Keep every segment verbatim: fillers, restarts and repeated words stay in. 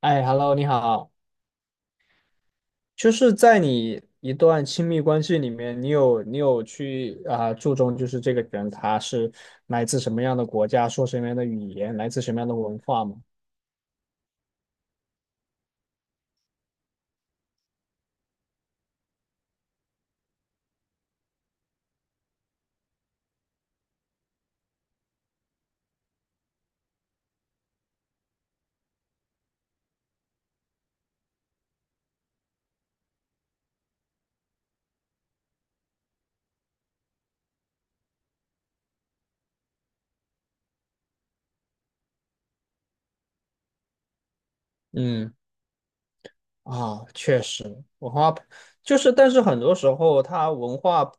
哎，Hello，你好。就是在你一段亲密关系里面，你有你有去啊、注重就是这个人他是来自什么样的国家，说什么样的语言，来自什么样的文化吗？嗯，啊，确实，文化就是，但是很多时候它文化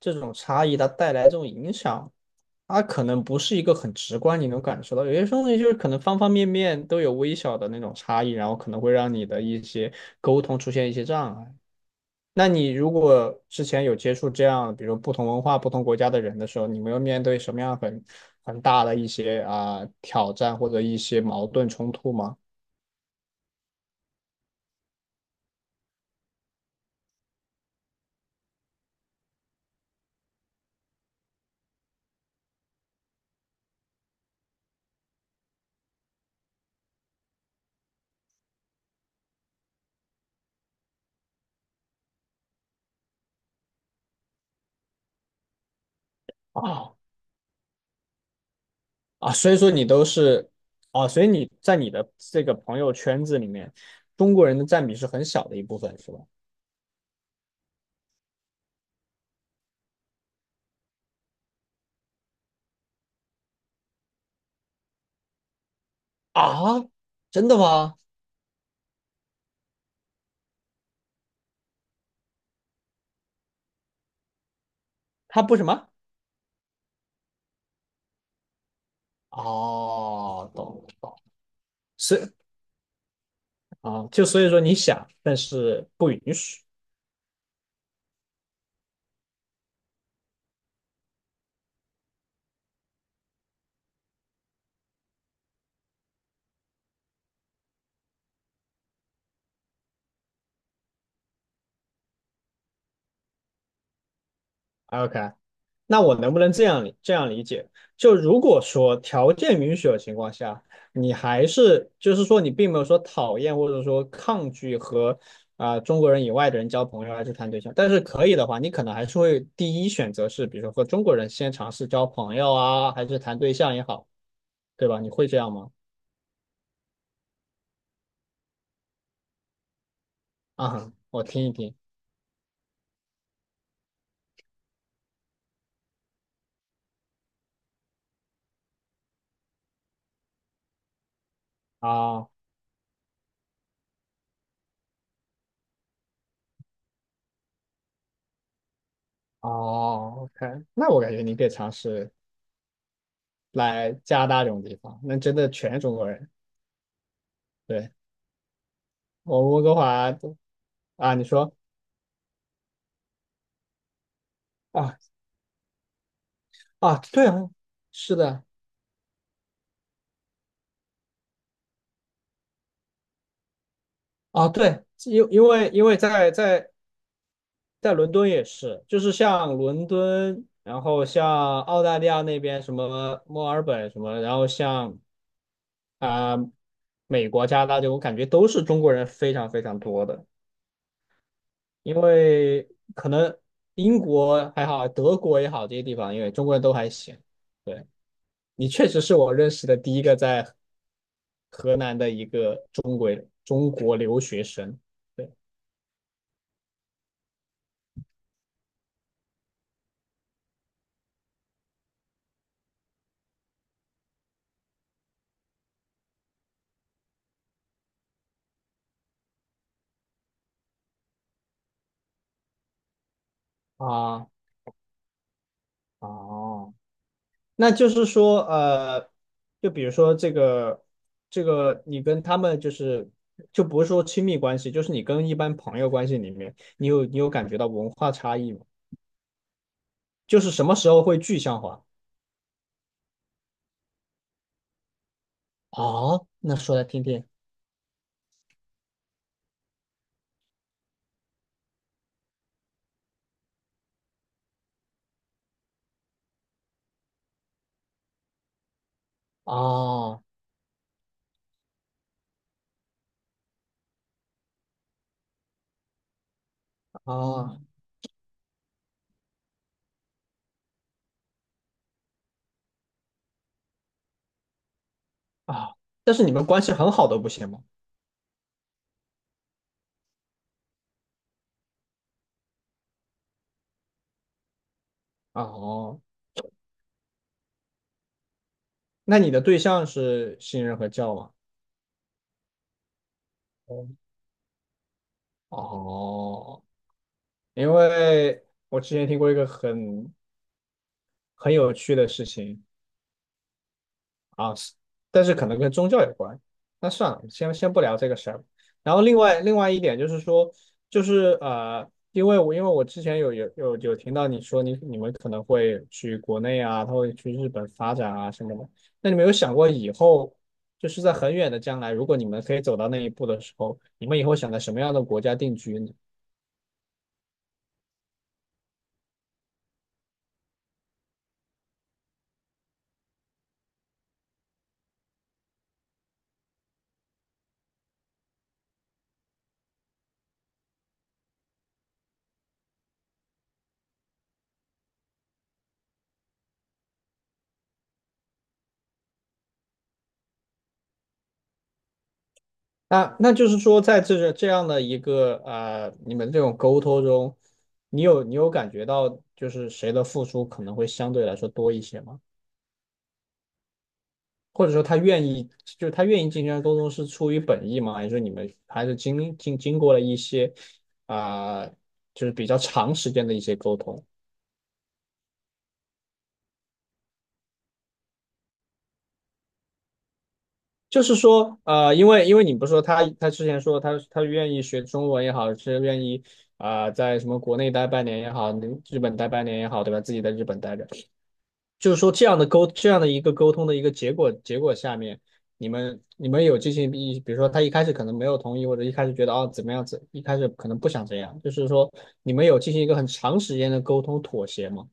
这种差异，它带来这种影响，它可能不是一个很直观你能感受到，有些东西就是可能方方面面都有微小的那种差异，然后可能会让你的一些沟通出现一些障碍。那你如果之前有接触这样，比如不同文化、不同国家的人的时候，你没有面对什么样很很大的一些啊、挑战或者一些矛盾冲突吗？啊啊，所以说你都是啊，所以你在你的这个朋友圈子里面，中国人的占比是很小的一部分，是吧？啊，真的吗？他不什么？哦，懂懂，是啊，就所以说你想，但是不允许。OK,那我能不能这样理这样理解？就如果说条件允许的情况下，你还是就是说你并没有说讨厌或者说抗拒和啊、中国人以外的人交朋友还是谈对象，但是可以的话，你可能还是会第一选择是，比如说和中国人先尝试交朋友啊，还是谈对象也好，对吧？你会这样吗？啊，我听一听啊。哦，OK,那我感觉你可以尝试来加拿大这种地方，那真的全是中国人。对，我们温哥华都啊，你说啊啊，对啊，是的啊，对，因因为因为在在在伦敦也是，就是像伦敦，然后像澳大利亚那边什么墨尔本什么，然后像啊、美国、加拿大这种我感觉都是中国人非常非常多的。因为可能英国还好，德国也好，这些地方，因为中国人都还行。对，你确实是我认识的第一个在河南的一个中国中国留学生。对啊，哦，那就是说，呃，就比如说这个这个，你跟他们就是就不是说亲密关系，就是你跟一般朋友关系里面，你有你有感觉到文化差异吗？就是什么时候会具象化？哦，那说来听听。哦哦哦，啊！但是你们关系很好都不行吗？哦，那你的对象是信任和教吗？哦哦，因为我之前听过一个很很有趣的事情，啊，但是可能跟宗教有关。那算了，先先不聊这个事儿。然后另外另外一点就是说，就是呃，因为我因为我之前有有有有听到你说你你们可能会去国内啊，他会去日本发展啊什么的。那你们有想过以后，就是在很远的将来，如果你们可以走到那一步的时候，你们以后想在什么样的国家定居呢？那那就是说，在这个这样的一个呃，你们这种沟通中，你有你有感觉到就是谁的付出可能会相对来说多一些吗？或者说他愿意，就是他愿意进行沟通是出于本意吗？还是说你们还是经经经过了一些啊、呃就是比较长时间的一些沟通？就是说，呃，因为因为你不是说他他之前说他他愿意学中文也好，是愿意啊、呃在什么国内待半年也好，日本待半年也好，对吧？自己在日本待着。就是说这样的沟这样的一个沟通的一个结果结果下面，你们你们有进行一，比如说他一开始可能没有同意，或者一开始觉得啊怎么样子，一开始可能不想这样，就是说你们有进行一个很长时间的沟通妥协吗？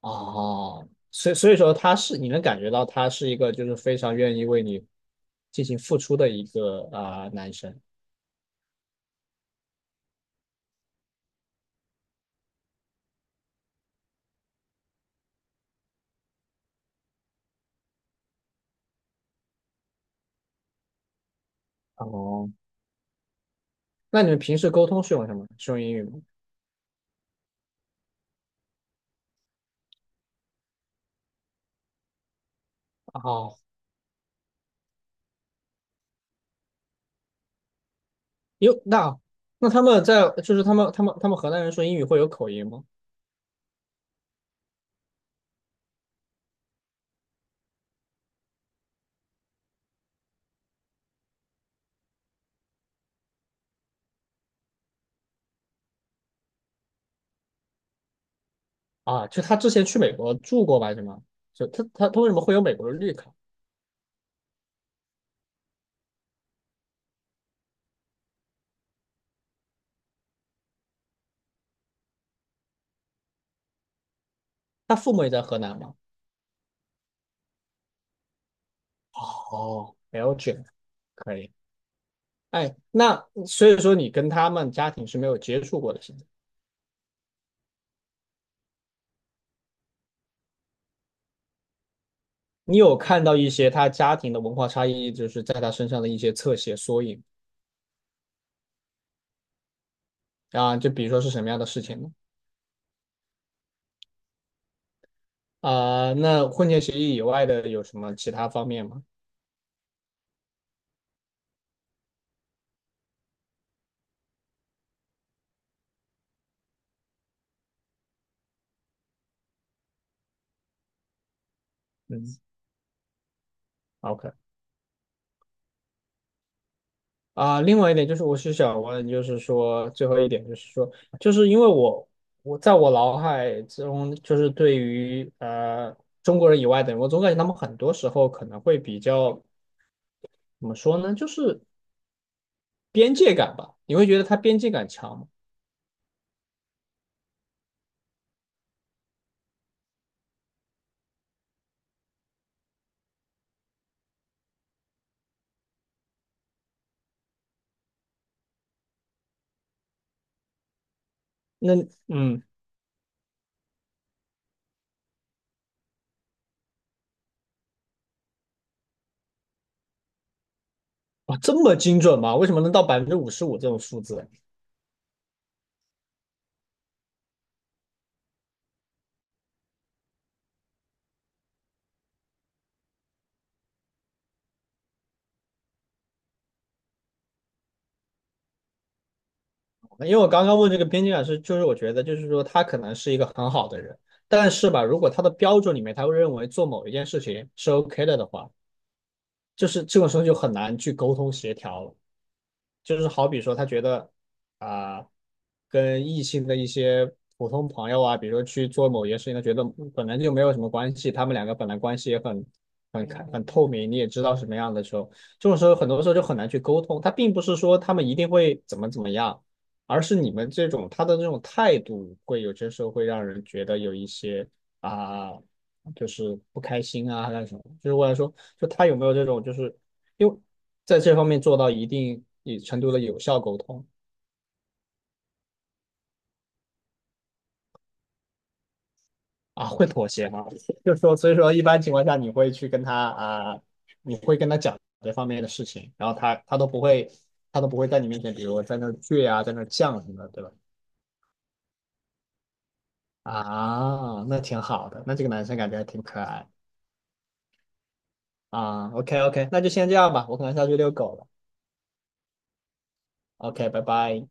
哦，所以所以说他是你能感觉到他是一个就是非常愿意为你进行付出的一个啊、呃男生。哦，那你们平时沟通是用什么？是用英语吗？哦，有那那他们在就是他们他们他们河南人说英语会有口音吗？啊，就他之前去美国住过吧，是吗？就他他他为什么会有美国的绿卡？他父母也在河南吗？哦，Belgium 可以。哎，那所以说你跟他们家庭是没有接触过的，现在你有看到一些他家庭的文化差异，就是在他身上的一些侧写缩影啊？就比如说是什么样的事情呢？啊、那婚前协议以外的有什么其他方面吗？嗯，OK。啊，另外一点就是，我是想问，就是说最后一点就是说，就是因为我我在我脑海中，就是对于呃中国人以外的人，我总感觉他们很多时候可能会比较怎么说呢，就是边界感吧。你会觉得他边界感强吗那嗯，哇，这么精准吗？为什么能到百分之五十五这种数字啊？因为我刚刚问这个边界感是，就是我觉得就是说他可能是一个很好的人，但是吧，如果他的标准里面他会认为做某一件事情是 OK 的的话。就是这个时候就很难去沟通协调了。就是好比说，他觉得啊、跟异性的一些普通朋友啊，比如说去做某些事情，他觉得本来就没有什么关系，他们两个本来关系也很很开很透明，你也知道什么样的时候，这种时候很多时候就很难去沟通。他并不是说他们一定会怎么怎么样，而是你们这种他的这种态度，会有些时候会让人觉得有一些啊。就是不开心啊，还是什么？就是我想说，就他有没有这种，就是因为在这方面做到一定程度的有效沟通啊，会妥协吗？就说，所以说一般情况下你会去跟他啊，你会跟他讲这方面的事情，然后他他都不会，他都不会在你面前，比如在那儿倔啊，在那儿犟什么的，对吧？啊，那挺好的，那这个男生感觉还挺可爱啊。OK OK,那就先这样吧，我可能下去遛狗了。OK,拜拜。